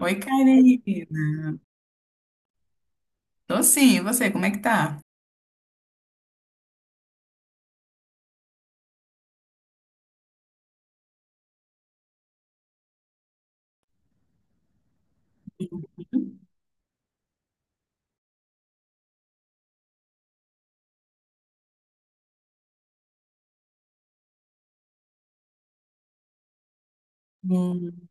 Oi, Karina. Tô sim, e você, como é que tá? Hum,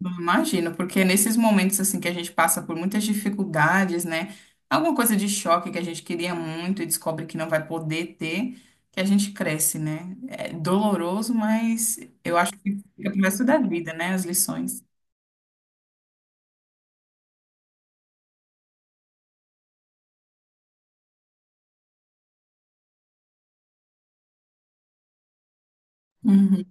Imagino, porque nesses momentos assim que a gente passa por muitas dificuldades, né? Alguma coisa de choque que a gente queria muito e descobre que não vai poder ter, que a gente cresce, né? É doloroso, mas eu acho que fica pro resto da vida, né? As lições. Uhum.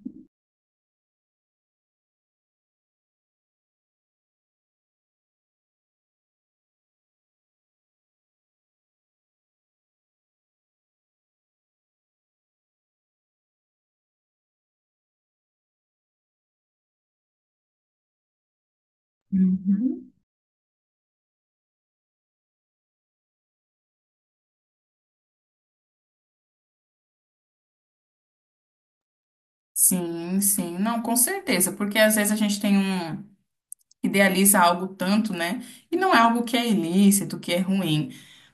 Uhum. Sim, sim. Não, com certeza, porque às vezes a gente tem idealiza algo tanto, né? E não é algo que é ilícito, que é ruim.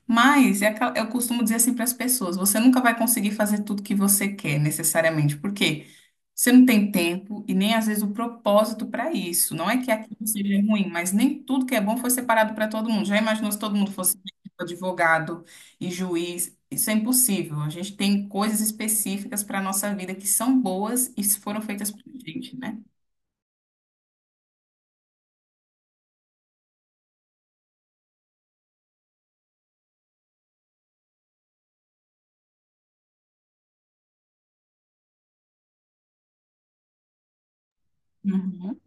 Mas é eu costumo dizer assim para as pessoas: você nunca vai conseguir fazer tudo que você quer, necessariamente, porque você não tem tempo e nem às vezes o propósito para isso. Não é que aquilo seja ruim, mas nem tudo que é bom foi separado para todo mundo. Já imaginou se todo mundo fosse advogado e juiz? Isso é impossível. A gente tem coisas específicas para a nossa vida que são boas e foram feitas para a gente, né? Uhum.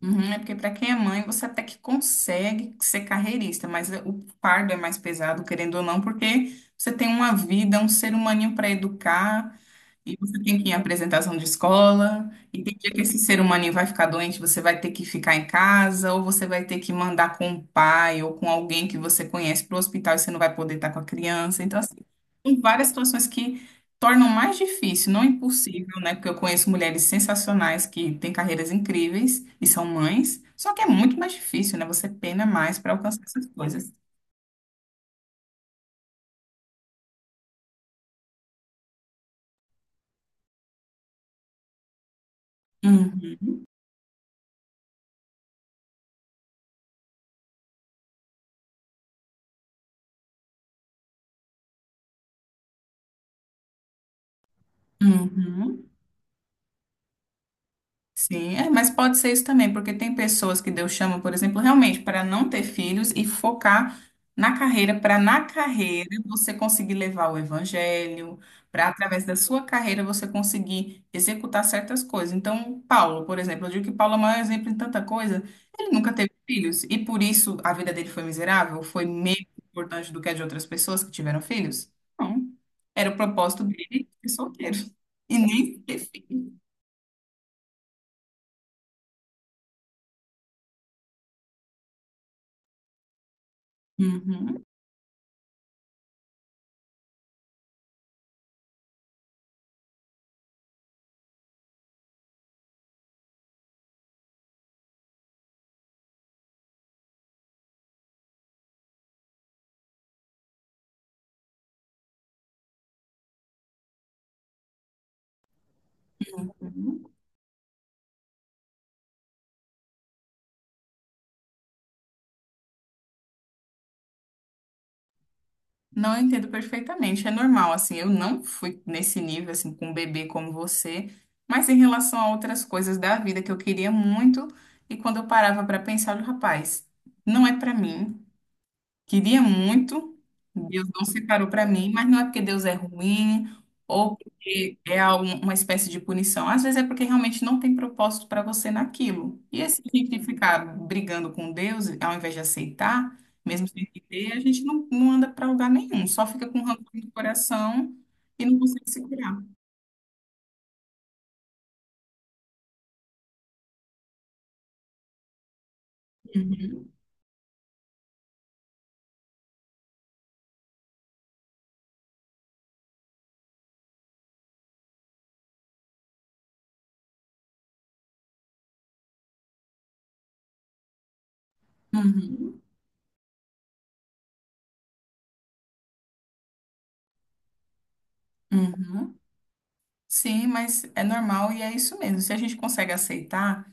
Uhum, é porque para quem é mãe, você até que consegue ser carreirista, mas o fardo é mais pesado, querendo ou não, porque você tem uma vida, um ser humaninho para educar, e você tem que ir em apresentação de escola, e tem dia que esse ser humano vai ficar doente, você vai ter que ficar em casa, ou você vai ter que mandar com o pai ou com alguém que você conhece para o hospital e você não vai poder estar com a criança. Então, assim, tem várias situações que tornam mais difícil, não impossível, né? Porque eu conheço mulheres sensacionais que têm carreiras incríveis e são mães, só que é muito mais difícil, né? Você pena mais para alcançar essas coisas. Uhum, uhum. Sim, é, mas pode ser isso também, porque tem pessoas que Deus chama, por exemplo, realmente para não ter filhos e focar na carreira, para na carreira você conseguir levar o evangelho, para através da sua carreira você conseguir executar certas coisas. Então, Paulo, por exemplo, eu digo que Paulo é o maior exemplo em tanta coisa, ele nunca teve filhos e por isso a vida dele foi miserável, foi menos importante do que a de outras pessoas que tiveram filhos? Não, era o propósito dele ser solteiro e nem ter filho. Uhum. Não, eu entendo perfeitamente, é normal, assim, eu não fui nesse nível, assim, com um bebê como você, mas em relação a outras coisas da vida que eu queria muito, e quando eu parava para pensar, eu, rapaz, não é para mim, queria muito, Deus não separou para mim, mas não é porque Deus é ruim ou porque é uma espécie de punição. Às vezes é porque realmente não tem propósito para você naquilo. E assim, a gente ficar brigando com Deus, ao invés de aceitar, mesmo sem ter, a gente não, não anda para lugar nenhum, só fica com rancor no coração e não consegue se curar. Uhum, uhum, uhum. Sim, mas é normal e é isso mesmo. Se a gente consegue aceitar.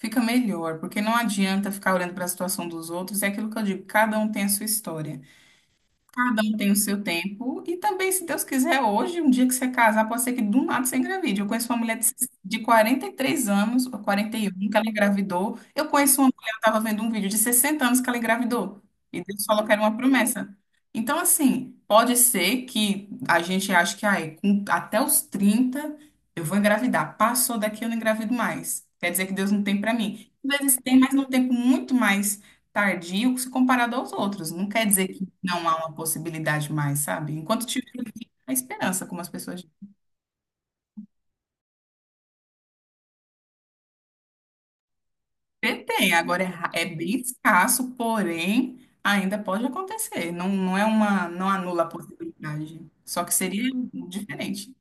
Fica melhor, porque não adianta ficar olhando para a situação dos outros. É aquilo que eu digo, cada um tem a sua história. Cada um tem o seu tempo. E também, se Deus quiser, hoje, um dia que você casar, pode ser que do nada você engravide. Eu conheço uma mulher de 43 anos, ou 41 que ela engravidou. Eu conheço uma mulher, eu estava vendo um vídeo de 60 anos que ela engravidou. E Deus falou que era uma promessa. Então, assim, pode ser que a gente ache que ai, até os 30 eu vou engravidar. Passou daqui, eu não engravido mais. Quer dizer que Deus não tem para mim. Às vezes tem, mas num tempo muito mais tardio se comparado aos outros. Não quer dizer não há uma possibilidade mais, sabe? Enquanto tiver a esperança, como as pessoas dizem, tem. Agora é bem escasso, porém ainda pode acontecer. Não, não é uma, não anula a possibilidade. Só que seria diferente.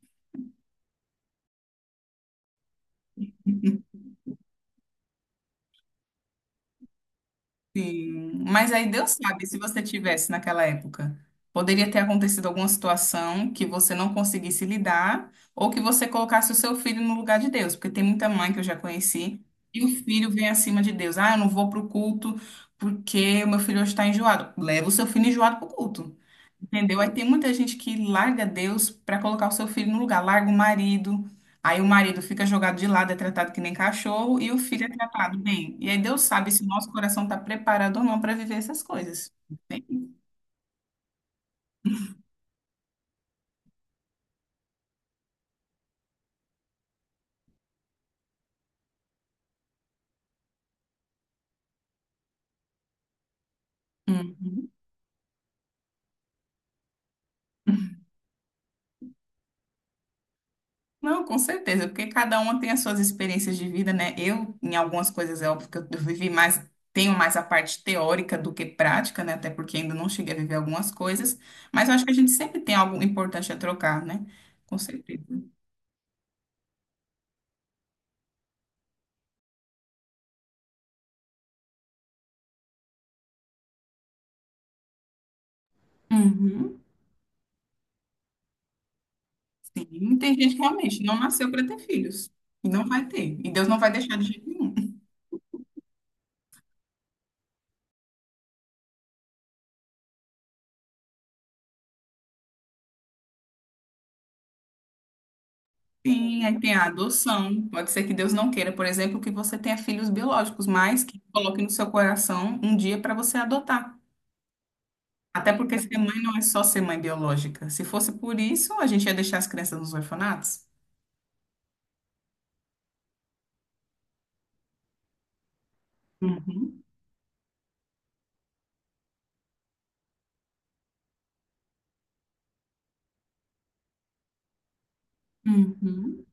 Sim, mas aí Deus sabe, se você tivesse naquela época, poderia ter acontecido alguma situação que você não conseguisse lidar, ou que você colocasse o seu filho no lugar de Deus, porque tem muita mãe que eu já conheci, e o filho vem acima de Deus. Ah, eu não vou pro culto porque o meu filho hoje está enjoado. Leva o seu filho enjoado pro culto. Entendeu? Aí tem muita gente que larga Deus para colocar o seu filho no lugar, larga o marido, aí o marido fica jogado de lado, é tratado que nem cachorro, e o filho é tratado bem. E aí Deus sabe se o nosso coração está preparado ou não para viver essas coisas. Entende? Uhum. Não, com certeza, porque cada uma tem as suas experiências de vida, né? Eu, em algumas coisas, é óbvio que eu vivi mais, tenho mais a parte teórica do que prática, né? Até porque ainda não cheguei a viver algumas coisas, mas eu acho que a gente sempre tem algo importante a trocar, né? Com certeza. Uhum. Sim, tem gente que realmente não nasceu para ter filhos. E não vai ter. E Deus não vai deixar de jeito nenhum. Sim, aí tem a adoção. Pode ser que Deus não queira, por exemplo, que você tenha filhos biológicos, mas que coloque no seu coração um dia para você adotar. Até porque ser mãe não é só ser mãe biológica. Se fosse por isso, a gente ia deixar as crianças nos orfanatos. Uhum. Uhum.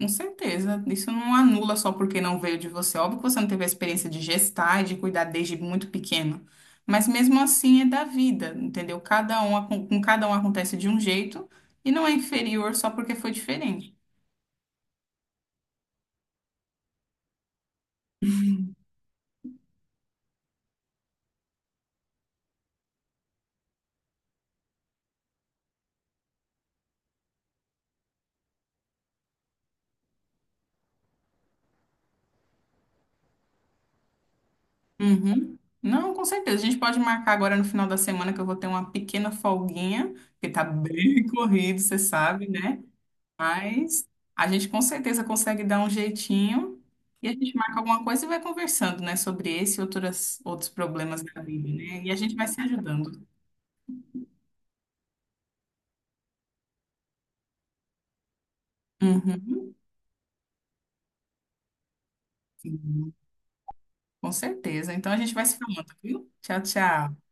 Com certeza, isso não anula só porque não veio de você. Óbvio que você não teve a experiência de gestar e de cuidar desde muito pequeno, mas mesmo assim é da vida, entendeu? Cada um, com cada um acontece de um jeito e não é inferior só porque foi diferente. Uhum. Não, com certeza. A gente pode marcar agora no final da semana que eu vou ter uma pequena folguinha, porque tá bem corrido, você sabe, né? Mas a gente com certeza consegue dar um jeitinho e a gente marca alguma coisa e vai conversando, né, sobre esse e outros problemas da vida, né? E a gente vai se ajudando. Uhum. Sim, com certeza. Então a gente vai se falando, viu? Tchau, tchau.